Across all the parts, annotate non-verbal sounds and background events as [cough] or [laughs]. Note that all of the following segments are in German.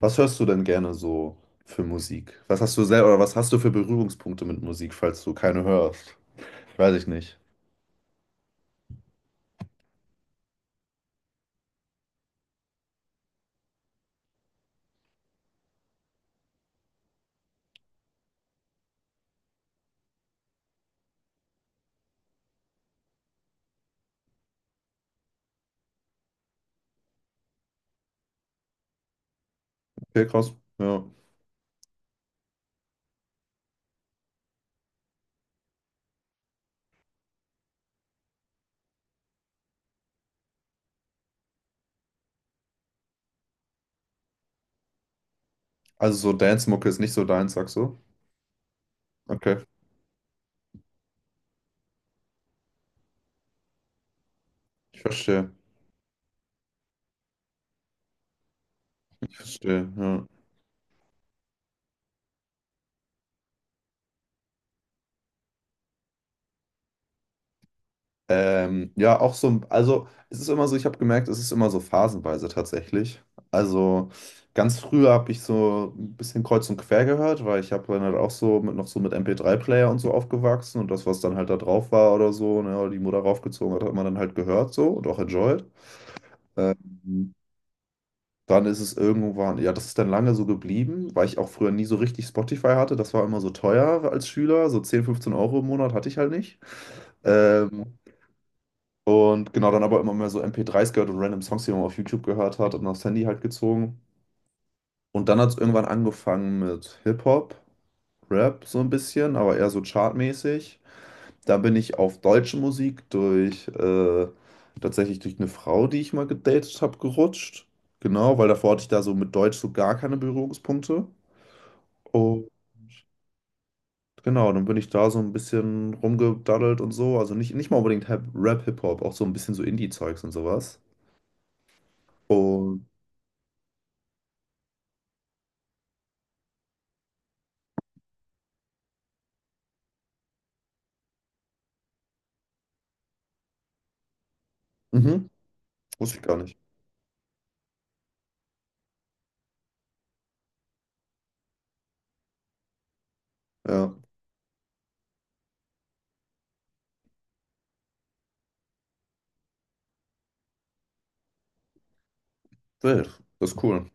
Was hörst du denn gerne so für Musik? Was hast du selber oder was hast du für Berührungspunkte mit Musik, falls du keine hörst? Weiß ich nicht. Okay, krass. Ja. Also so Dance-Mucke ist nicht so deins, sagst du? Okay, ich verstehe. Ich verstehe. Ja. Ja, auch so, also es ist immer so, ich habe gemerkt, es ist immer so phasenweise tatsächlich. Also ganz früher habe ich so ein bisschen kreuz und quer gehört, weil ich habe dann halt auch so mit, noch so mit MP3-Player und so aufgewachsen und das, was dann halt da drauf war oder so, ne, oder die Mutter raufgezogen hat, hat man dann halt gehört so und auch enjoyed. Ähm, dann ist es irgendwann, ja, das ist dann lange so geblieben, weil ich auch früher nie so richtig Spotify hatte. Das war immer so teuer als Schüler, so 10, 15 Euro im Monat hatte ich halt nicht. Ähm, und genau, dann aber immer mehr so MP3s gehört und random Songs, die man auf YouTube gehört hat und aufs Handy halt gezogen. Und dann hat es irgendwann angefangen mit Hip-Hop, Rap so ein bisschen, aber eher so chartmäßig. Da bin ich auf deutsche Musik durch, tatsächlich durch eine Frau, die ich mal gedatet habe, gerutscht. Genau, weil davor hatte ich da so mit Deutsch so gar keine Berührungspunkte. Und genau, dann bin ich da so ein bisschen rumgedaddelt und so. Also nicht, nicht mal unbedingt Rap, Hip-Hop, auch so ein bisschen so Indie-Zeugs und sowas. Und mhm, wusste ich gar nicht. Ja, wild. Das ist cool,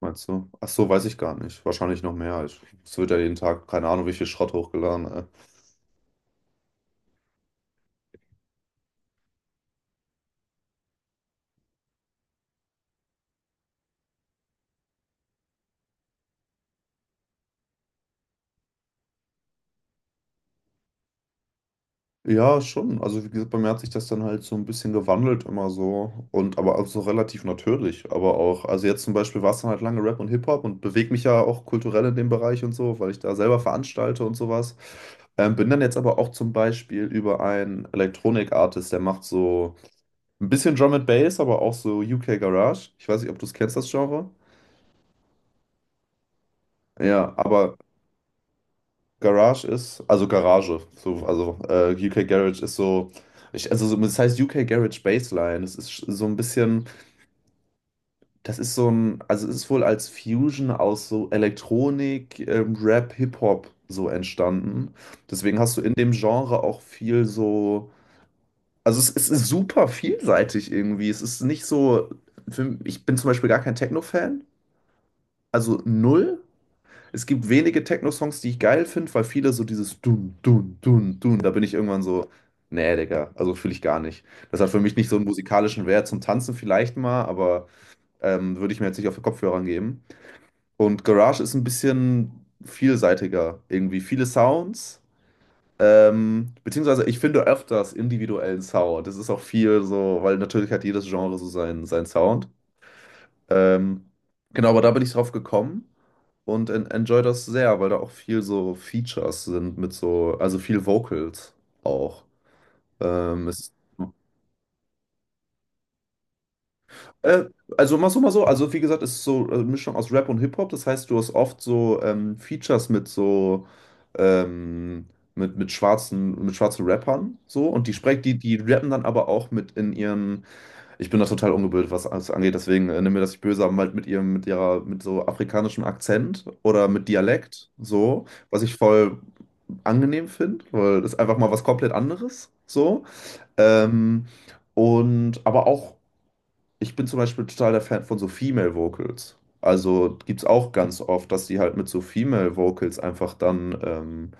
meinst du? Ach so, weiß ich gar nicht. Wahrscheinlich noch mehr. Ich, es wird ja jeden Tag, keine Ahnung, wie viel Schrott hochgeladen. Ey. Ja, schon. Also, wie gesagt, bei mir hat sich das dann halt so ein bisschen gewandelt immer so. Und aber auch so relativ natürlich. Aber auch, also jetzt zum Beispiel war es dann halt lange Rap und Hip-Hop und bewege mich ja auch kulturell in dem Bereich und so, weil ich da selber veranstalte und sowas. Bin dann jetzt aber auch zum Beispiel über einen Elektronik-Artist, der macht so. Ein bisschen Drum and Bass, aber auch so UK Garage. Ich weiß nicht, ob du es kennst, das Genre. Ja, aber Garage ist, also Garage, so, also UK Garage ist so, ich, also das heißt UK Garage Bassline. Das ist so ein bisschen, das ist so ein, also es ist wohl als Fusion aus so Elektronik, Rap, Hip-Hop so entstanden. Deswegen hast du in dem Genre auch viel so, also es ist super vielseitig irgendwie. Es ist nicht so, für, ich bin zum Beispiel gar kein Techno-Fan, also null. Es gibt wenige Techno-Songs, die ich geil finde, weil viele so dieses Dun, Dun, Dun, Dun, da bin ich irgendwann so, nee, Digga, also fühle ich gar nicht. Das hat für mich nicht so einen musikalischen Wert zum Tanzen vielleicht mal, aber würde ich mir jetzt nicht auf den Kopfhörer geben. Und Garage ist ein bisschen vielseitiger, irgendwie viele Sounds. Beziehungsweise ich finde öfters individuellen Sound. Das ist auch viel so, weil natürlich hat jedes Genre so seinen Sound. Ähm, genau, aber da bin ich drauf gekommen und en enjoy das sehr, weil da auch viel so Features sind mit so, also viel Vocals auch. Ähm, es, äh, also mal so, also wie gesagt, es ist so eine Mischung aus Rap und Hip-Hop, das heißt, du hast oft so Features mit so, ähm, mit schwarzen Rappern so und die sprechen, die rappen dann aber auch mit in ihren, ich bin da total ungebildet, was das angeht, deswegen nimm mir das nicht böse, aber halt mit ihrem, mit ihrer, mit so afrikanischem Akzent oder mit Dialekt, so. Was ich voll angenehm finde, weil das ist einfach mal was komplett anderes so. Ähm, und aber auch ich bin zum Beispiel total der Fan von so Female Vocals. Also gibt es auch ganz oft, dass die halt mit so Female Vocals einfach dann,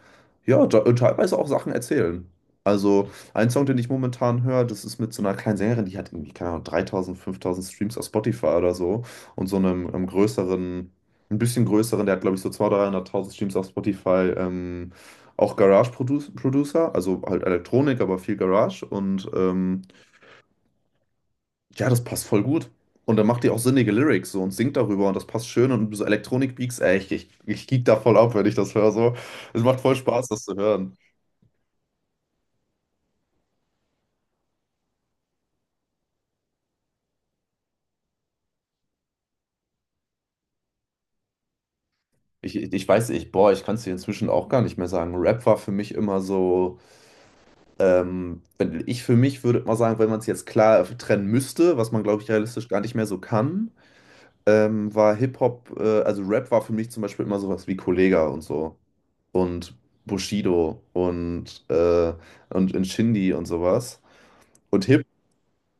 ja, und teilweise auch Sachen erzählen. Also ein Song, den ich momentan höre, das ist mit so einer kleinen Sängerin, die hat irgendwie, keine Ahnung, 3000, 5000 Streams auf Spotify oder so und so einem größeren, ein bisschen größeren, der hat glaube ich so 200.000, 300.000 Streams auf Spotify, auch Garage Producer, also halt Elektronik, aber viel Garage und ja, das passt voll gut. Und dann macht die auch sinnige Lyrics so und singt darüber und das passt schön und so Elektronik-Beats, ey, ich geek da voll ab, wenn ich das höre so. Es macht voll Spaß, das zu hören. Ich, ich weiß, ich, boah, ich kann es dir inzwischen auch gar nicht mehr sagen. Rap war für mich immer so, wenn ich für mich würde mal sagen, wenn man es jetzt klar trennen müsste, was man, glaube ich, realistisch gar nicht mehr so kann, war Hip-Hop, also Rap war für mich zum Beispiel immer sowas wie Kollega und so und Bushido und Nshindy und sowas. Und Hip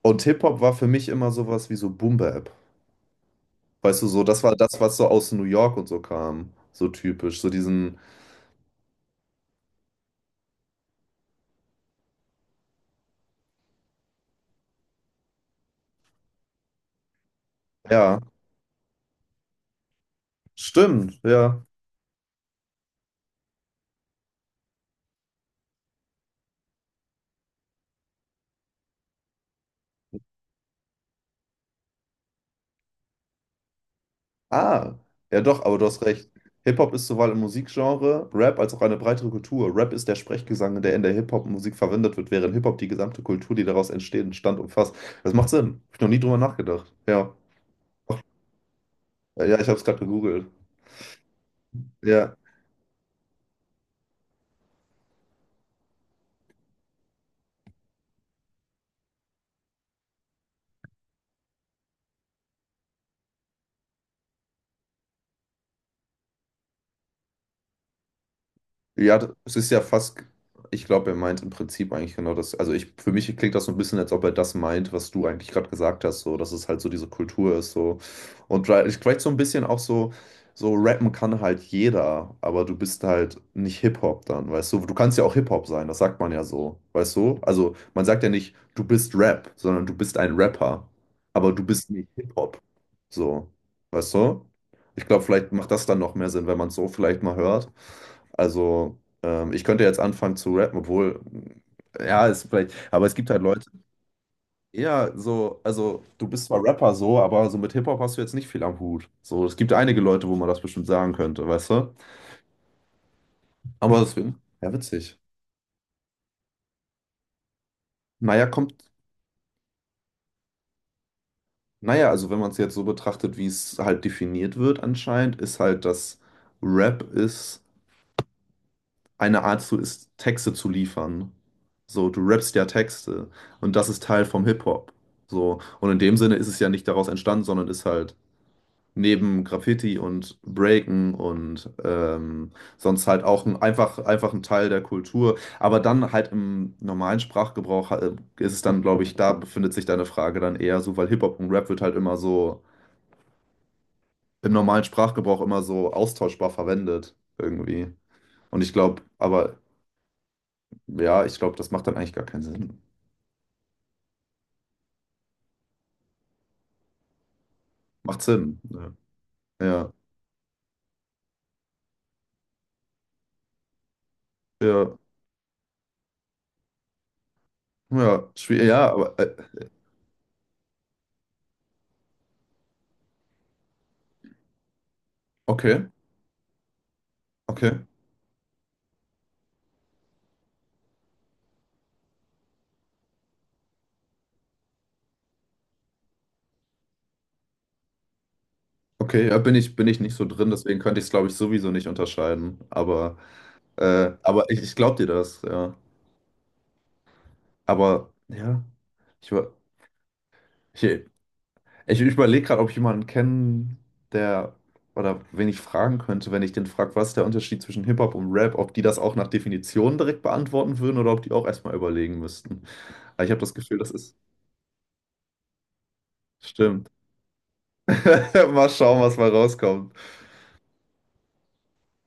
und Hip-Hop war für mich immer sowas wie so Boom-Bap. Weißt du, so, das war das, was so aus New York und so kam. So typisch. So diesen, ja, stimmt, ja. Ah, ja doch, aber du hast recht. Hip-Hop ist sowohl im Musikgenre, Rap als auch eine breitere Kultur. Rap ist der Sprechgesang, der in der Hip-Hop-Musik verwendet wird, während Hip-Hop die gesamte Kultur, die daraus entsteht, entstand umfasst. Das macht Sinn. Hab ich noch nie drüber nachgedacht. Ja. Ja, ich habe es gerade gegoogelt. Ja. Ja, es ist ja fast, ich glaube, er meint im Prinzip eigentlich genau das. Also ich, für mich klingt das so ein bisschen, als ob er das meint, was du eigentlich gerade gesagt hast, so, dass es halt so diese Kultur ist, so. Und vielleicht so ein bisschen auch so, so rappen kann halt jeder, aber du bist halt nicht Hip-Hop dann, weißt du? Du kannst ja auch Hip-Hop sein, das sagt man ja so, weißt du? Also man sagt ja nicht, du bist Rap, sondern du bist ein Rapper, aber du bist nicht Hip-Hop, so, weißt du? Ich glaube, vielleicht macht das dann noch mehr Sinn, wenn man es so vielleicht mal hört. Also, ich könnte jetzt anfangen zu rappen, obwohl, ja, ist vielleicht, aber es gibt halt Leute, eher so, also du bist zwar Rapper so, aber so mit Hip-Hop hast du jetzt nicht viel am Hut. So, es gibt einige Leute, wo man das bestimmt sagen könnte, weißt du? Aber deswegen, ja, witzig. Naja, kommt, naja, also wenn man es jetzt so betrachtet, wie es halt definiert wird anscheinend, ist halt, dass Rap ist. Eine Art zu ist, Texte zu liefern. So, du rappst ja Texte und das ist Teil vom Hip-Hop. So, und in dem Sinne ist es ja nicht daraus entstanden, sondern ist halt neben Graffiti und Breaken und sonst halt auch ein, einfach, einfach ein Teil der Kultur. Aber dann halt im normalen Sprachgebrauch ist es dann, glaube ich, da befindet sich deine Frage dann eher so, weil Hip-Hop und Rap wird halt immer so im normalen Sprachgebrauch immer so austauschbar verwendet irgendwie. Und ich glaube, aber. Ja, ich glaube, das macht dann eigentlich gar keinen Sinn. Macht Sinn. Ja, ja, ja, ja, schwierig, ja, aber okay, okay, okay, ja, bin ich nicht so drin, deswegen könnte ich es, glaube ich, sowieso nicht unterscheiden. Aber ich, ich glaube dir das, ja. Aber, ja, ich, ich, ich überlege gerade, ob ich jemanden kenne, der, oder wen ich fragen könnte, wenn ich den frage, was ist der Unterschied zwischen Hip-Hop und Rap, ob die das auch nach Definition direkt beantworten würden oder ob die auch erstmal überlegen müssten. Aber ich habe das Gefühl, das ist, stimmt. [laughs] Mal schauen, was mal rauskommt.